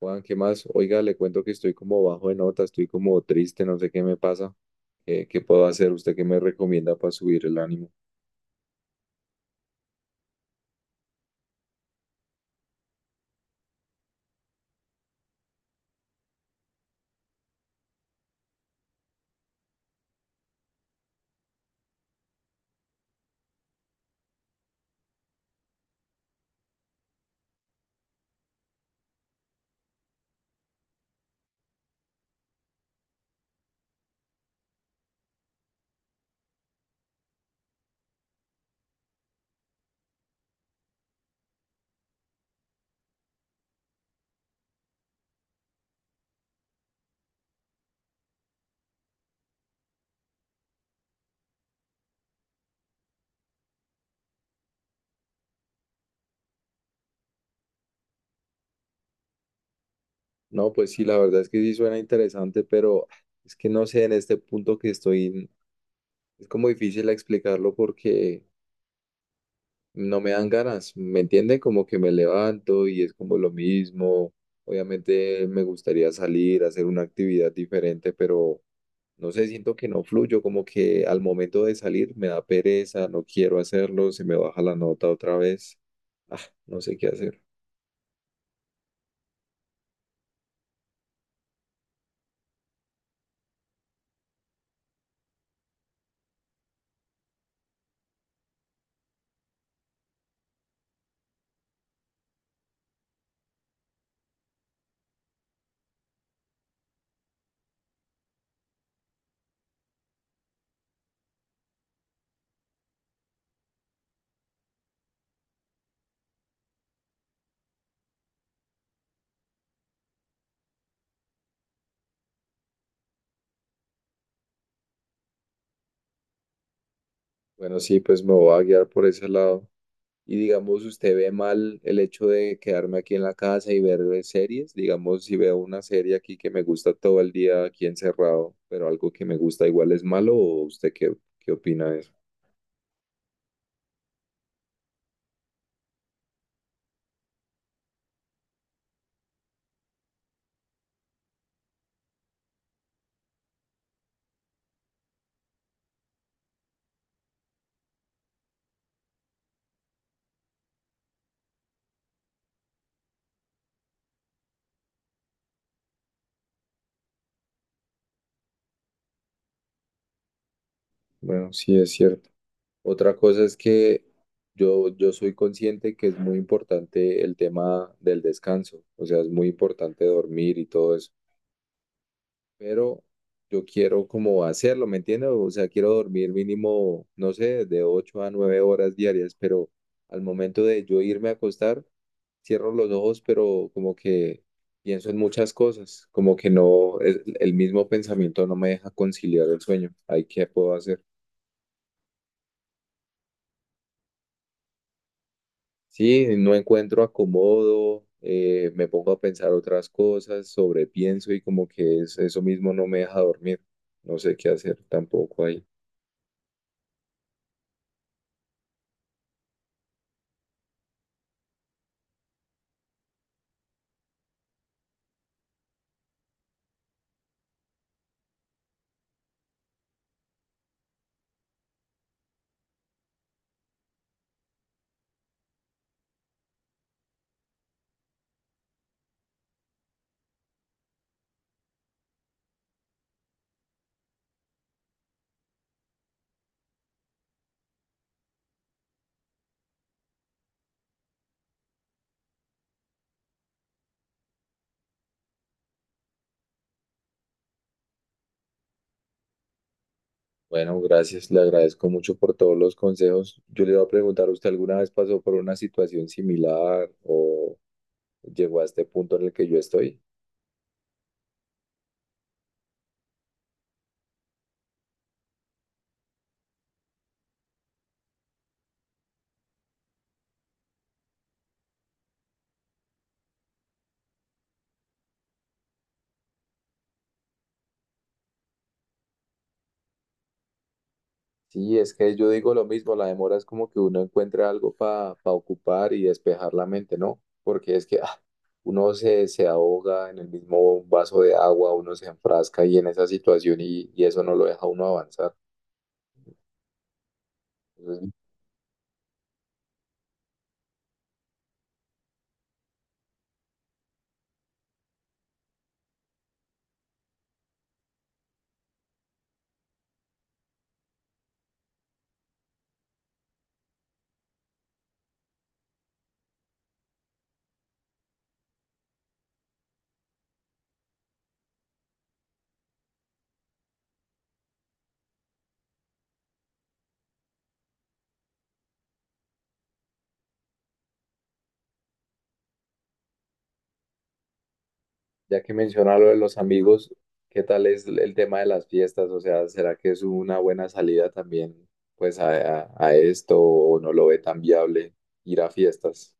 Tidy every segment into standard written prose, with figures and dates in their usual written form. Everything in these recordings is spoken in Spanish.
Juan, ¿qué más? Oiga, le cuento que estoy como bajo de nota, estoy como triste, no sé qué me pasa. ¿Qué puedo hacer? ¿Usted qué me recomienda para subir el ánimo? No, pues sí, la verdad es que sí suena interesante, pero es que no sé, en este punto que estoy, es como difícil explicarlo porque no me dan ganas, ¿me entienden? Como que me levanto y es como lo mismo. Obviamente me gustaría salir, hacer una actividad diferente, pero no sé, siento que no fluyo, como que al momento de salir me da pereza, no quiero hacerlo, se me baja la nota otra vez. Ah, no sé qué hacer. Bueno, sí, pues me voy a guiar por ese lado. Y digamos, ¿usted ve mal el hecho de quedarme aquí en la casa y ver series? Digamos, si veo una serie aquí que me gusta todo el día aquí encerrado, pero algo que me gusta igual es malo, ¿o usted qué, qué opina de eso? Bueno, sí es cierto. Otra cosa es que yo soy consciente que es muy importante el tema del descanso, o sea, es muy importante dormir y todo eso, pero yo quiero como hacerlo, ¿me entiendes? O sea, quiero dormir mínimo, no sé, de 8 a 9 horas diarias, pero al momento de yo irme a acostar, cierro los ojos, pero como que pienso en muchas cosas, como que no, el mismo pensamiento no me deja conciliar el sueño. Ahí, ¿qué puedo hacer? Sí, no encuentro acomodo, me pongo a pensar otras cosas, sobrepienso y como que es, eso mismo no me deja dormir. No sé qué hacer tampoco ahí. Bueno, gracias, le agradezco mucho por todos los consejos. Yo le iba a preguntar, ¿usted alguna vez pasó por una situación similar o llegó a este punto en el que yo estoy? Sí, es que yo digo lo mismo, la demora es como que uno encuentra algo para ocupar y despejar la mente, ¿no? Porque es que, se ahoga en el mismo vaso de agua, uno se enfrasca y en esa situación y eso no lo deja uno avanzar. Entonces, ya que menciona lo de los amigos, ¿qué tal es el tema de las fiestas? O sea, ¿será que es una buena salida también pues a, a esto o no lo ve tan viable ir a fiestas?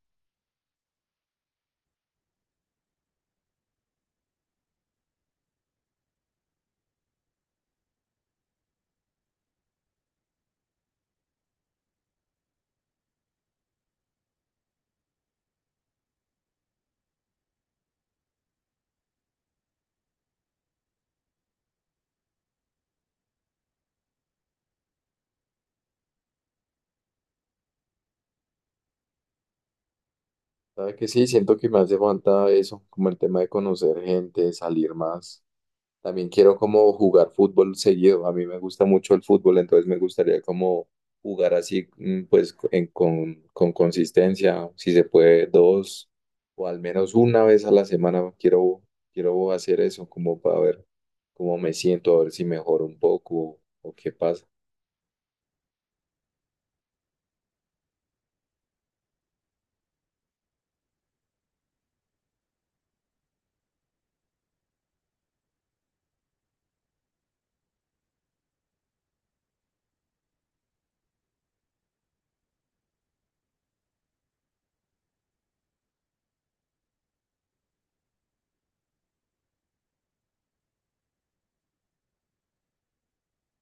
¿Sabe que sí? Siento que me hace falta eso, como el tema de conocer gente, salir más. También quiero como jugar fútbol seguido. A mí me gusta mucho el fútbol, entonces me gustaría como jugar así, pues con consistencia, si se puede, dos o al menos una vez a la semana. Quiero hacer eso como para ver cómo me siento, a ver si mejoro un poco o qué pasa.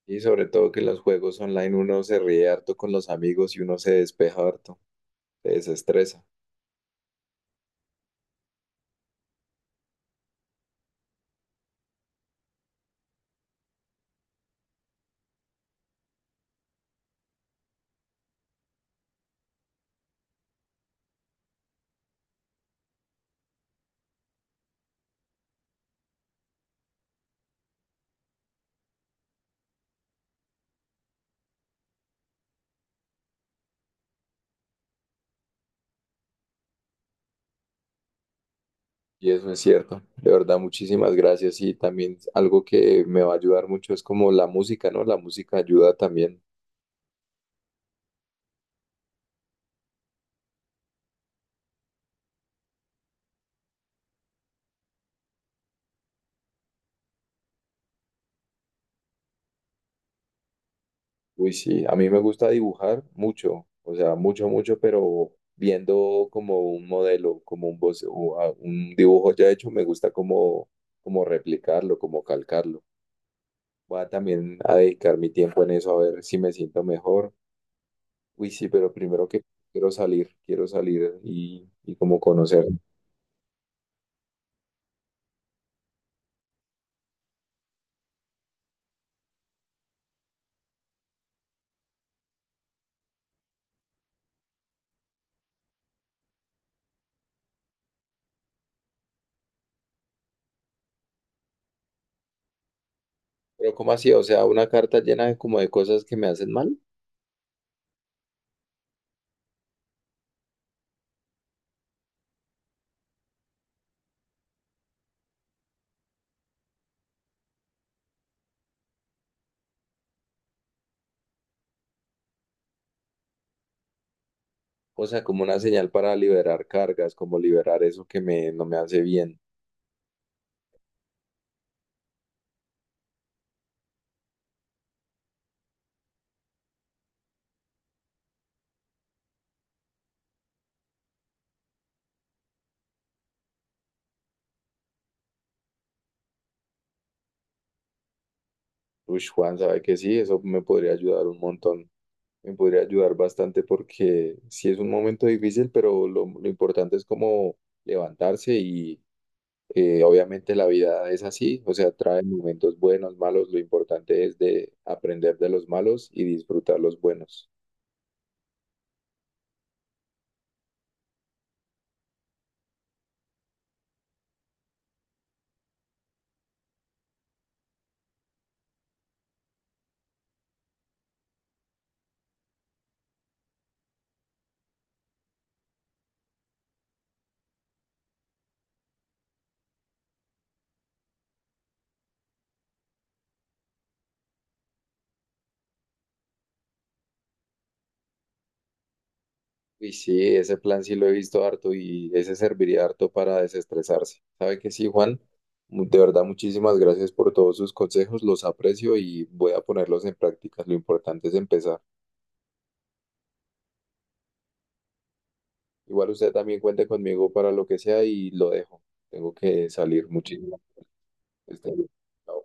Y sobre todo que en los juegos online uno se ríe harto con los amigos y uno se despeja harto, se desestresa. Y eso es cierto, de verdad, muchísimas gracias. Y también algo que me va a ayudar mucho es como la música, ¿no? La música ayuda también. Uy, sí, a mí me gusta dibujar mucho, o sea, mucho, mucho, pero viendo como un modelo, como un, un dibujo ya hecho, me gusta como, como replicarlo, como calcarlo. Voy a también a dedicar mi tiempo en eso, a ver si me siento mejor. Uy, sí, pero primero que quiero salir y como conocer. Pero ¿cómo así? O sea, una carta llena de como de cosas que me hacen mal. O sea, como una señal para liberar cargas, como liberar eso que me, no me hace bien. Uy, Juan, sabe que sí, eso me podría ayudar un montón. Me podría ayudar bastante porque sí es un momento difícil, pero lo importante es como levantarse y obviamente la vida es así. O sea, trae momentos buenos, malos. Lo importante es de aprender de los malos y disfrutar los buenos. Uy, sí, ese plan sí lo he visto harto y ese serviría harto para desestresarse. ¿Sabe que sí, Juan? De verdad, muchísimas gracias por todos sus consejos, los aprecio y voy a ponerlos en práctica. Lo importante es empezar. Igual usted también cuente conmigo para lo que sea y lo dejo. Tengo que salir. Muchísimas gracias. Chao.